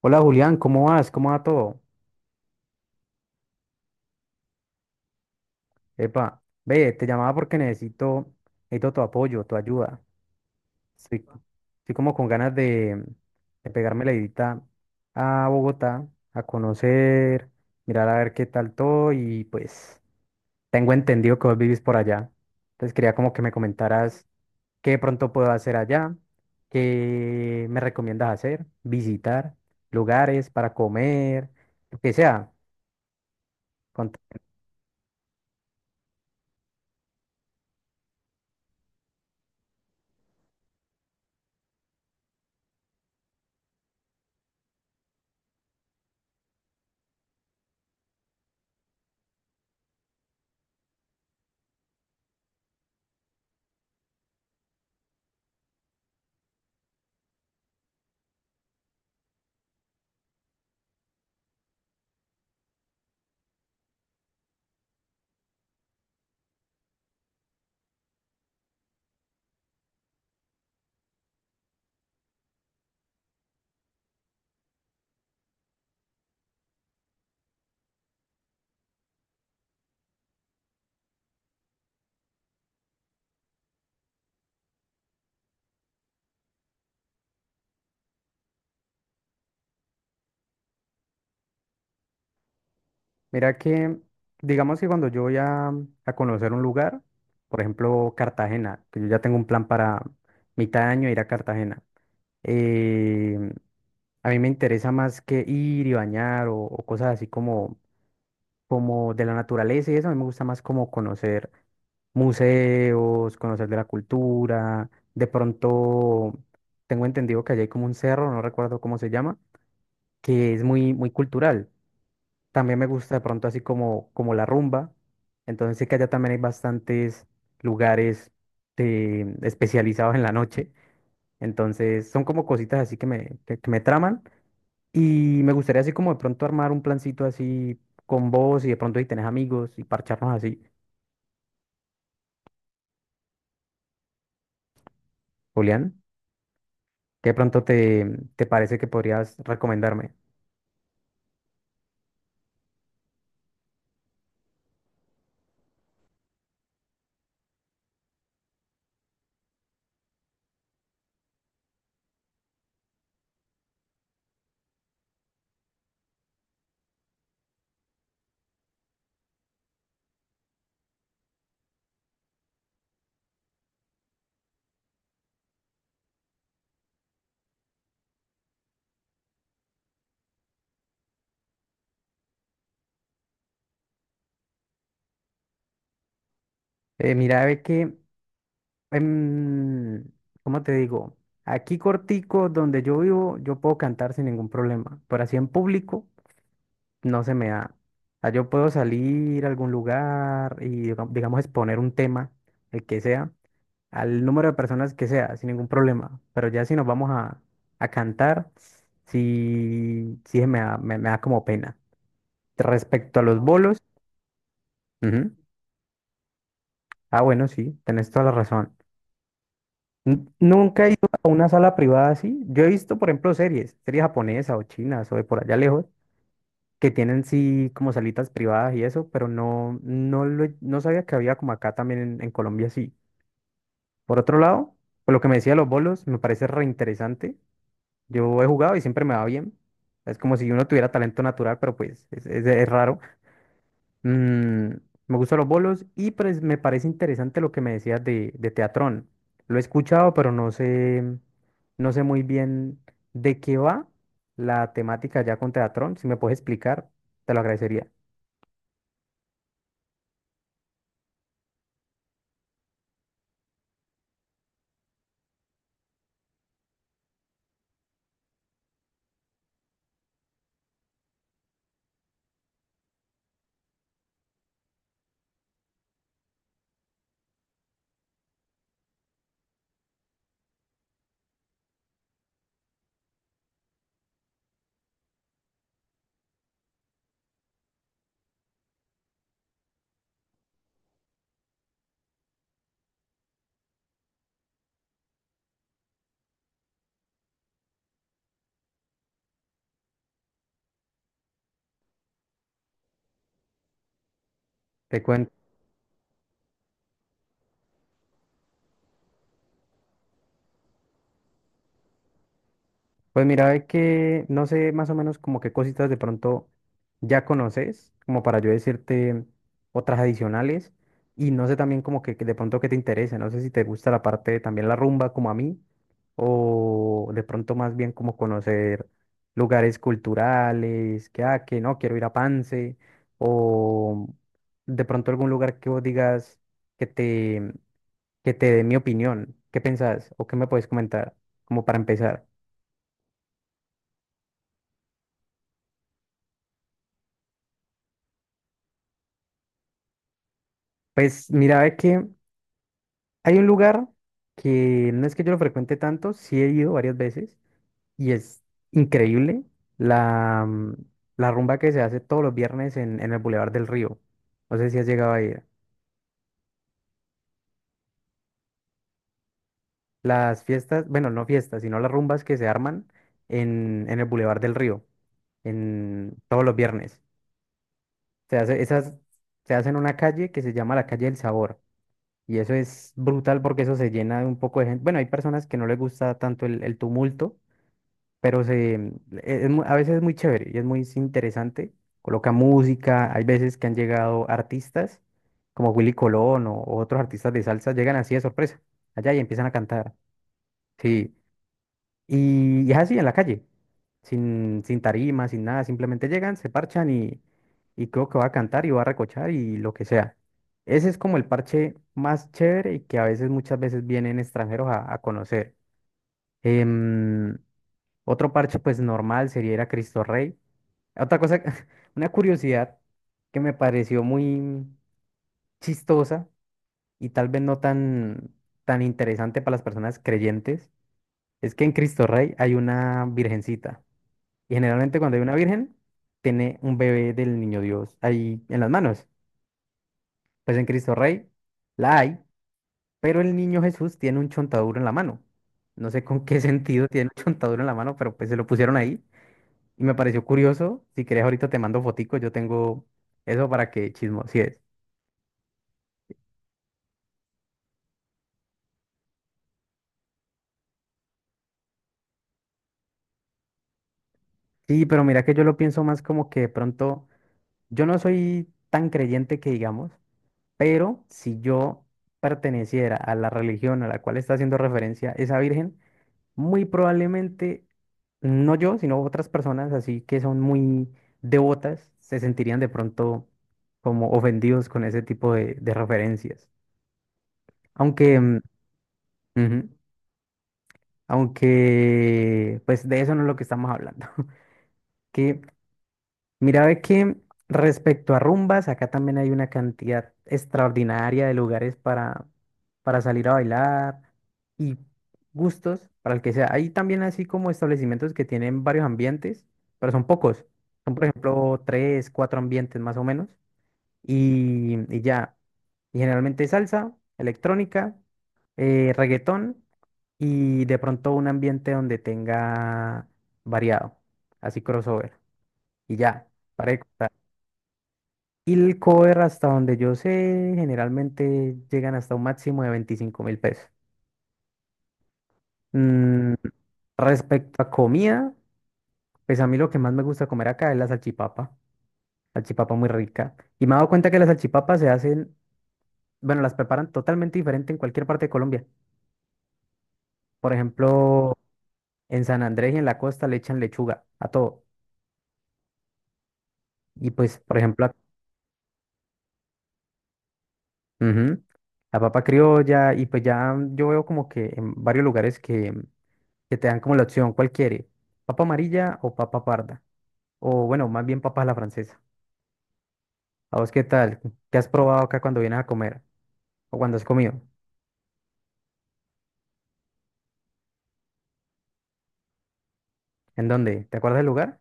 Hola Julián, ¿cómo vas? ¿Cómo va todo? Epa, ve, te llamaba porque necesito tu apoyo, tu ayuda. Estoy, estoy como con ganas de pegarme la edita a Bogotá, a conocer, mirar a ver qué tal todo y pues tengo entendido que vos vivís por allá. Entonces quería como que me comentaras qué de pronto puedo hacer allá, qué me recomiendas hacer, visitar lugares para comer, lo que sea. Mira que, digamos que cuando yo voy a conocer un lugar, por ejemplo Cartagena, que yo ya tengo un plan para mitad de año ir a Cartagena, eh, a mí me interesa más que ir y bañar o cosas así como de la naturaleza y eso. A mí me gusta más como conocer museos, conocer de la cultura. De pronto tengo entendido que allá hay como un cerro, no recuerdo cómo se llama, que es muy, muy cultural. También me gusta de pronto así como la rumba. Entonces sé que allá también hay bastantes lugares especializados en la noche. Entonces son como cositas así que me traman. Y me gustaría así como de pronto armar un plancito así con vos y de pronto si tenés amigos y parcharnos así. Julián, ¿qué de pronto te parece que podrías recomendarme? Mira, ve que Em, ¿cómo te digo? Aquí cortico, donde yo vivo, yo puedo cantar sin ningún problema, pero así en público no se me da. O sea, yo puedo salir a algún lugar y, digamos, exponer un tema, el que sea, al número de personas que sea, sin ningún problema. Pero ya si nos vamos a cantar, sí, sí me da, me da como pena. Respecto a los No. bolos, ujú. Ah, bueno, sí, tenés toda la razón. Nunca he ido a una sala privada así. Yo he visto, por ejemplo, series japonesas o chinas o de por allá lejos, que tienen sí como salitas privadas y eso, pero no, no, no sabía que había como acá también en Colombia sí. Por otro lado, pues lo que me decía de los bolos me parece reinteresante. Yo he jugado y siempre me va bien. Es como si uno tuviera talento natural, pero pues es raro. Mm, me gustan los bolos y pues, me parece interesante lo que me decías de Teatrón. Lo he escuchado, pero no sé muy bien de qué va la temática ya con Teatrón. Si me puedes explicar, te lo agradecería. Te cuento. Pues mira, ve que no sé más o menos como qué cositas de pronto ya conoces, como para yo decirte otras adicionales, y no sé también como que de pronto qué te interesa, no sé si te gusta la parte también la rumba como a mí, o de pronto más bien como conocer lugares culturales, que no, quiero ir a Pance, o de pronto algún lugar que vos digas que te, que te dé mi opinión. ¿Qué pensás o qué me puedes comentar como para empezar? Pues mira, ve que hay un lugar que no es que yo lo frecuente tanto, sí he ido varias veces y es increíble la, mm, la rumba que se hace todos los viernes en el Boulevard del Río. No sé si has llegado a ir. Las fiestas, bueno, no fiestas, sino las rumbas que se arman en el Boulevard del Río, en todos los viernes. Esas se hacen en una calle que se llama la calle del Sabor. Y eso es brutal porque eso se llena de un poco de gente. Bueno, hay personas que no les gusta tanto el tumulto, pero se, mm, e- es mu- a veces es muy chévere y es muy interesante. Coloca música, hay veces que han llegado artistas como Willy Colón o otros artistas de salsa, llegan así de sorpresa, allá y empiezan a cantar. Sí, y es así en la calle, sin tarima, sin nada, simplemente llegan, se parchan y creo que va a cantar y va a recochar y lo que sea. Ese es como el parche más chévere y que a veces, muchas veces vienen extranjeros a conocer. Em, otro parche, pues normal, sería ir a Cristo Rey. Otra cosa, una curiosidad que me pareció muy chistosa y tal vez no tan interesante para las personas creyentes, es que en Cristo Rey hay una virgencita. Y generalmente cuando hay una virgen, tiene un bebé del niño Dios ahí en las manos. Pues en Cristo Rey la hay, pero el niño Jesús tiene un chontaduro en la mano. No sé con qué sentido tiene un chontaduro en la mano, pero pues se lo pusieron ahí. Y me pareció curioso. Si querés, ahorita te mando fotico. Yo tengo eso para que chismosies. Sí, pero mira que yo lo pienso más como que de pronto. Yo no soy tan creyente que digamos, pero si yo perteneciera a la religión a la cual está haciendo referencia esa virgen, muy probablemente, no yo, sino otras personas así que son muy devotas, se sentirían de pronto como ofendidos con ese tipo de referencias. Aunque. Mm, ujú. Aunque, pues de eso no es lo que estamos hablando. Que, mira, ve que respecto a rumbas, acá también hay una cantidad extraordinaria de lugares para salir a bailar y gustos para el que sea. Hay también así como establecimientos que tienen varios ambientes, pero son pocos. Son, por ejemplo, tres, cuatro ambientes más o menos. Y ya. Y generalmente salsa, electrónica, reggaetón y de pronto un ambiente donde tenga variado, así crossover, y ya, para de contar. Y el cover, hasta donde yo sé, generalmente llegan hasta un máximo de 25.000 pesos. Mm, respecto a comida, pues a mí lo que más me gusta comer acá es la salchipapa, salchipapa muy rica. Y me he dado cuenta que las salchipapas se hacen, bueno, las preparan totalmente diferente en cualquier parte de Colombia. Por ejemplo, en San Andrés y en la costa le echan lechuga a todo. Y pues, por ejemplo, ujú. La papa criolla, y pues ya yo veo como que en varios lugares que te dan como la opción, ¿cuál quiere? ¿Papa amarilla o papa parda? O bueno, más bien papa a la francesa. ¿A vos qué tal? ¿Qué has probado acá cuando vienes a comer? ¿O cuando has comido? ¿En dónde? ¿Te acuerdas del lugar?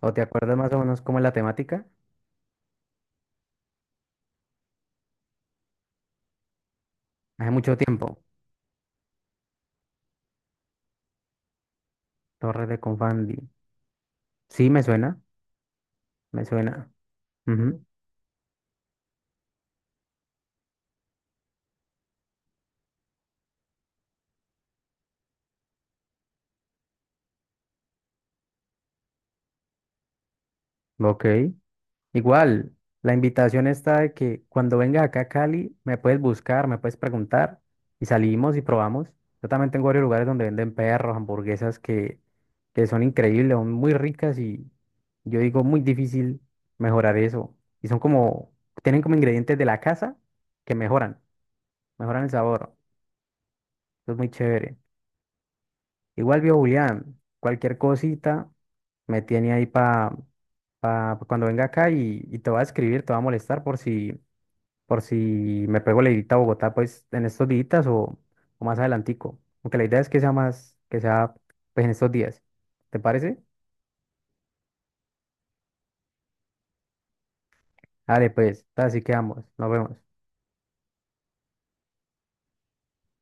¿O te acuerdas más o menos cómo es la temática? Hace mucho tiempo. Torre de Confandi. Sí, me suena, me suena. Ujú. Ok. Igual, la invitación está de que cuando vengas acá a Cali, me puedes buscar, me puedes preguntar y salimos y probamos. Yo también tengo varios lugares donde venden perros, hamburguesas que son increíbles, son muy ricas y yo digo muy difícil mejorar eso. Y son como, tienen como ingredientes de la casa que mejoran el sabor. Eso es muy chévere. Igual, viejo Julián, cualquier cosita me tiene ahí para cuando venga acá y te va a escribir, te va a molestar por si me pego la idita a Bogotá, pues en estos días o más adelantico. Aunque la idea es que sea que sea pues en estos días. ¿Te parece? Dale, pues, así quedamos. Nos vemos.